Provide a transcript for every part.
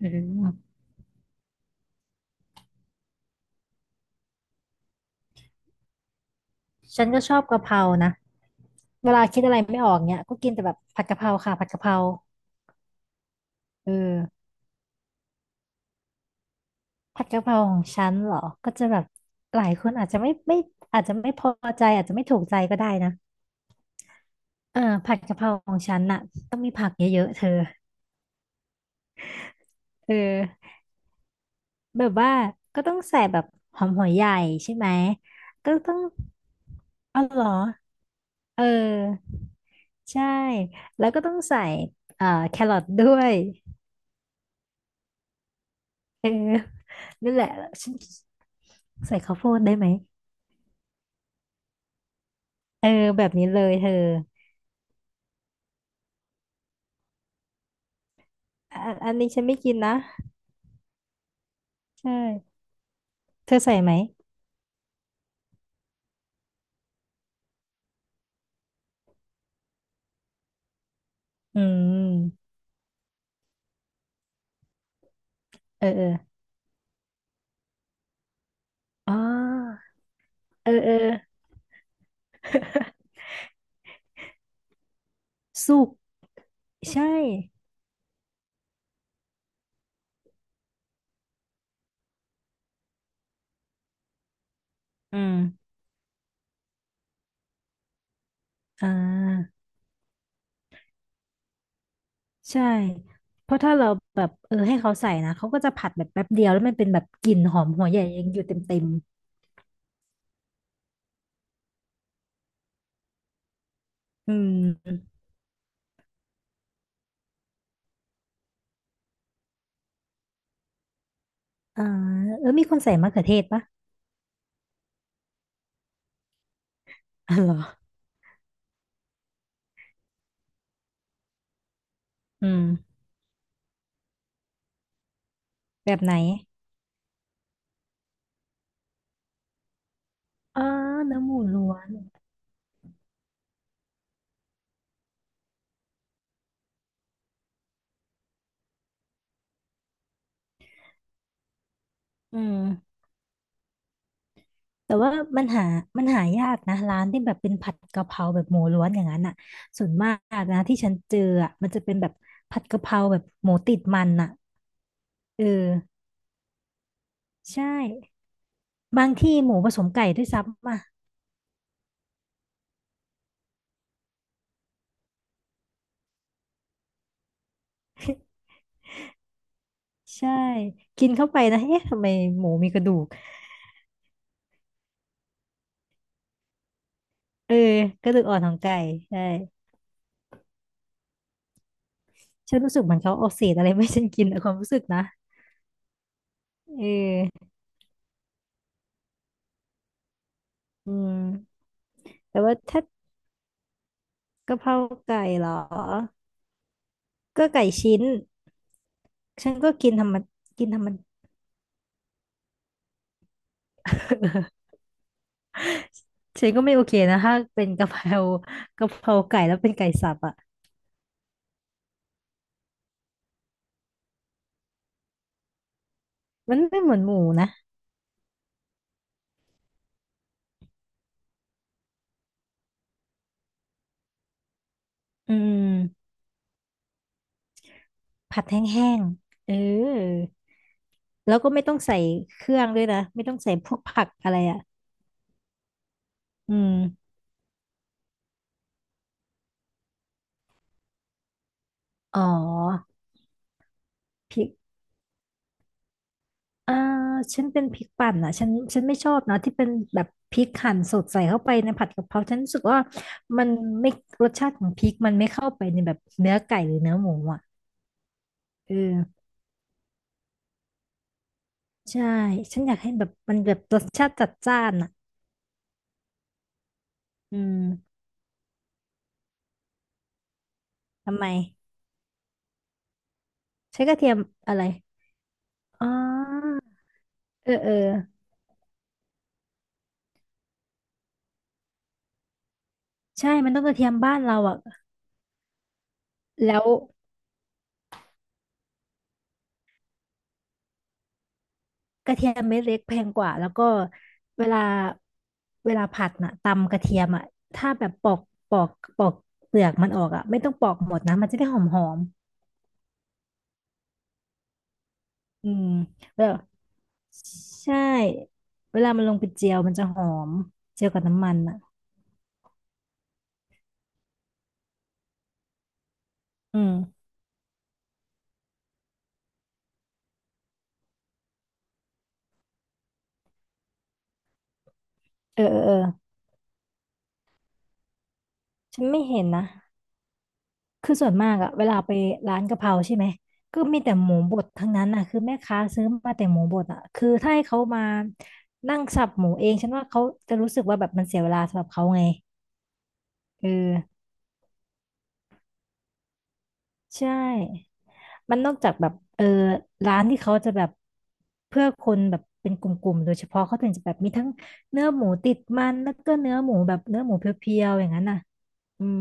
อืมฉันก็ชอบกะเพรานะเวลาคิดอะไรไม่ออกเนี่ยก็กินแต่แบบผัดกะเพราค่ะผัดกะเพราเออผัดกะเพราของฉันเหรอก็จะแบบหลายคนอาจจะไม่ไม่อาจจะไม่พอใจอาจจะไม่ถูกใจก็ได้นะเออผัดกะเพราของฉันน่ะต้องมีผักเยอะๆเธอเออแบบว่าก็ต้องใส่แบบหอมหัวใหญ่ใช่ไหมก็ต้องอ๋อเหรอเออใช่แล้วก็ต้องใส่แครอทด้วยเออ นั่นแหละฉันใส่ข้าวโพดได้ไหมเออแบบนี้เลยเธออะอันนี้ฉันไม่กินนะใช่เธอใส่ไหมอืมเออเอออ๋อเออเออ สุกใช่อืมอ่าใช่เพราะถ้าเราแบบเออให้เขาใส่นะเขาก็จะผัดแบบแป๊บเดียวแล้วมันเป็นแบบกลิ่นหอมหัวใหญ่ยังอยู่เต็มเต็มอืมอ่าเออมีคนใส่มะเขือเทศปะอ๋อเหรออืมแบบไหนอ๋อเนื้อหมูล้วนอืม แต่ว่ามันหามันหายากนะร้านที่แบบเป็นผัดกะเพราแบบหมูล้วนอย่างนั้นอ่ะส่วนมากนะที่ฉันเจออ่ะมันจะเป็นแบบผัดกะเพราแบบหมูติดมันอ่ะเออใช่บางที่หมูผสมไก่ด้วยซ้ำอ่ะใช่กินเข้าไปนะเอ๊ะทำไมหมูมีกระดูกเออกระดูกอ่อนของไก่ใช่ฉันรู้สึกเหมือนเขาเอาเศษอะไรไม่ฉันกินอะความรู้สึกนะเอออืมแต่ว่าถ้ากะเพราไก่เหรอก็ไก่ชิ้นฉันก็กินธรรมดา ฉันก็ไม่โอเคนะถ้าเป็นกะเพรา กะเพราไก่แล้วเป็นไก่สับอ่ะมันไม่เหมือนหมูนะอืมผัดแห้งๆเออแล้วก็ไม่ต้องใส่เครื่องด้วยนะไม่ต้องใส่พวกผักอะไรอ่ะอืมอ๋อพริกอ่าฉันเป็นพริกปั่นอ่ะฉันไม่ชอบนะที่เป็นแบบพริกหั่นสดใส่เข้าไปในผัดกะเพราฉันรู้สึกว่ามันไม่รสชาติของพริกมันไม่เข้าไปในแบบเนื้อไก่หรือเนื้อหมูอ่ะเออใช่ฉันอยากให้แบบมันแบบรสชาติจัดจ้านอะ อืมทำไมใช้กระเทียมอะไรอ๋อเออเออใช่มันต้องกระเทียมบ้านเราอ่ะแล้วกระเทียมเม็ดเล็กแพงกว่าแล้วก็เวลาเวลาผัดน่ะตำกระเทียมอ่ะถ้าแบบปอกปอกเปลือกมันออกอ่ะไม่ต้องปอกหมดนะมันจะได้หอมหอมอืมแล้วใช่เวลามันลงไปเจียวมันจะหอมเจียวกับน้ำมันอ่ะอืมเออเออเออฉันไม่เห็นนะ คือส่วนมากอะเวลาไปร้านกะเพราใช่ไหมก็มีแต่หมูบดทั้งนั้นอะคือแม่ค้าซื้อมาแต่หมูบดอะคือถ้าให้เขามานั่งสับหมูเองฉันว่าเขาจะรู้สึกว่าแบบมันเสียเวลาสำหรับเขาไงเออใช่มันนอกจากแบบเออร้านที่เขาจะแบบเพื่อคนแบบเป็นกลุ่มๆโดยเฉพาะเขาถึงจะแบบมีทั้งเนื้อหมูติดมันแล้วก็เนื้อหมูแบบเนื้อหมูเพียวๆอย่างนั้นน่ะอืม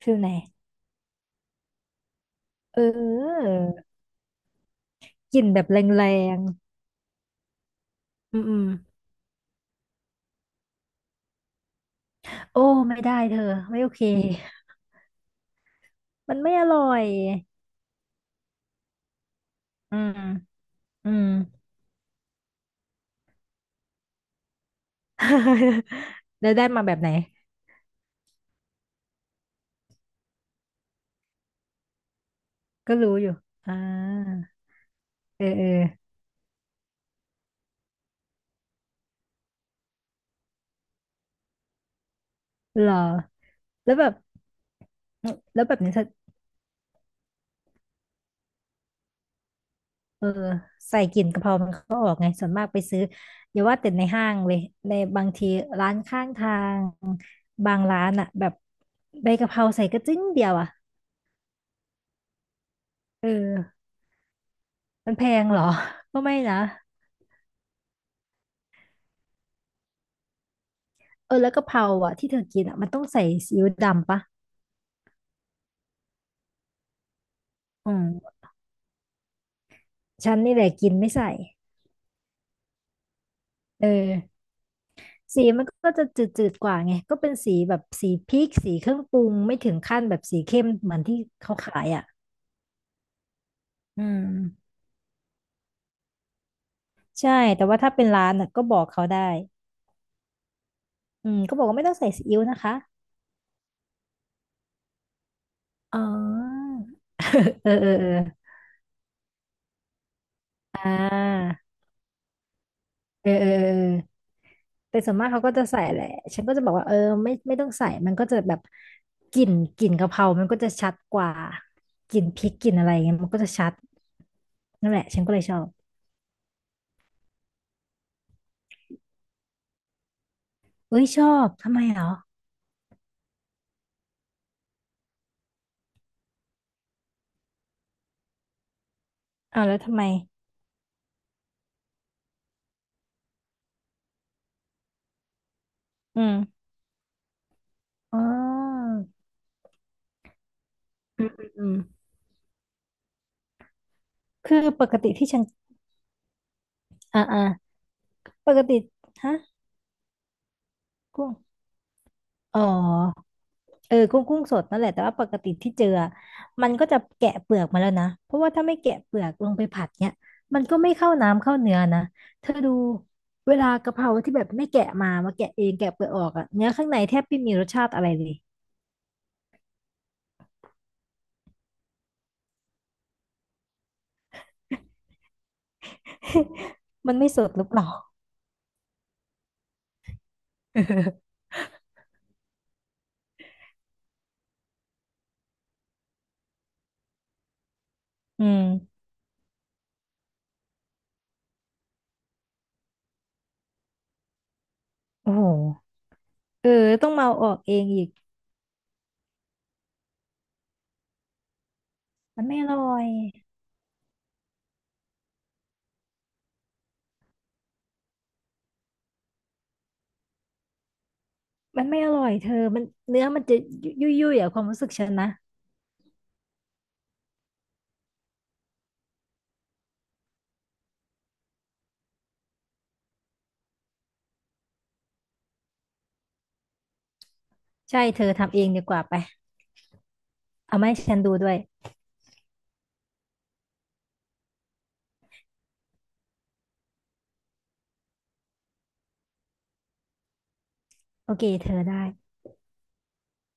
ฟิลไหนเออกลิ่นแบบแรงๆอืมอืม โอ้ไม่ได้เธอไม่โอเคมันไม่อร่อยอืมอืม แล้วได้มาแบบไหนก็รู้อยู่อ่าเออเออเหรอแล้วแบบแล้วแบบนี้เธอเออใส่กลิ่นกะเพรามันก็ออกไงส่วนมากไปซื้ออย่าว่าแต่ในห้างเลยในบางทีร้านข้างทางบางร้านอะแบบใบกะเพราใส่กระจิ้งเดียวอะเออมันแพงเหรอก็ไม่นะเออแล้วกะเพราอะที่เธอกินอะมันต้องใส่ซีอิ๊วดำปะอืม ฉันนี่แหละกินไม่ใส่ เออ สีมันก็จะจืดๆกว่าไงก็เป็นสีแบบสีพริกสีเครื่องปรุงไม่ถึงขั้นแบบสีเข้มเหมือนที่เขาขายอ่ะอืมใช่แต่ว่าถ้าเป็นร้านน่ะก็บอกเขาได้ อืมก็บอกว่าไม่ต้องใส่ซีอิ๊วนะคะ อ๋อเออเออเอออ่า เออเออเออแต่ส่วนมากเขาก็จะใส่แหละฉันก็จะบอกว่าเออไม่ต้องใส่มันก็จะแบบกลิ่นกลิ่นกะเพรามันก็จะชัดกว่ากลิ่นพริกกลิ่นอะไรเงี้ยมันก็จะชัดนั่นแหละฉันก็เลยชอบเอ้ยชอบทำไมเหรออ้าวแล้วทำไมอืมอ๋ออืมอืมอืมคือปกติที่ฉันอ่าอ่าปกติฮะกุ้งอ๋อ เออกุ้งสดนั่นแหละแต่ว่าปกติที่เจออะมันก็จะแกะเปลือกมาแล้วนะเพราะว่าถ้าไม่แกะเปลือกลงไปผัดเนี่ยมันก็ไม่เข้าน้ำเข้าเนื้อนะเธอดูเวลากะเพราที่แบบไม่แกะมาแกะเองแกะเปลือกออกอะเนื้อข้างในแทบไม่มีรสชาติอะไรเลย มันไม่สดหรือเปล่า อืมโอ้โหเออต้องมาเอาออกเองอีกมันไม่อร่อยมันไม่อร่อยเธอมันเนื้อมันจะยุ่ยยุ่ยๆอะความรู้สึกฉันนะใช่เธอทำเองดีกว่าไปเอามาให้ฉันดูด้วยโอเคเธอได้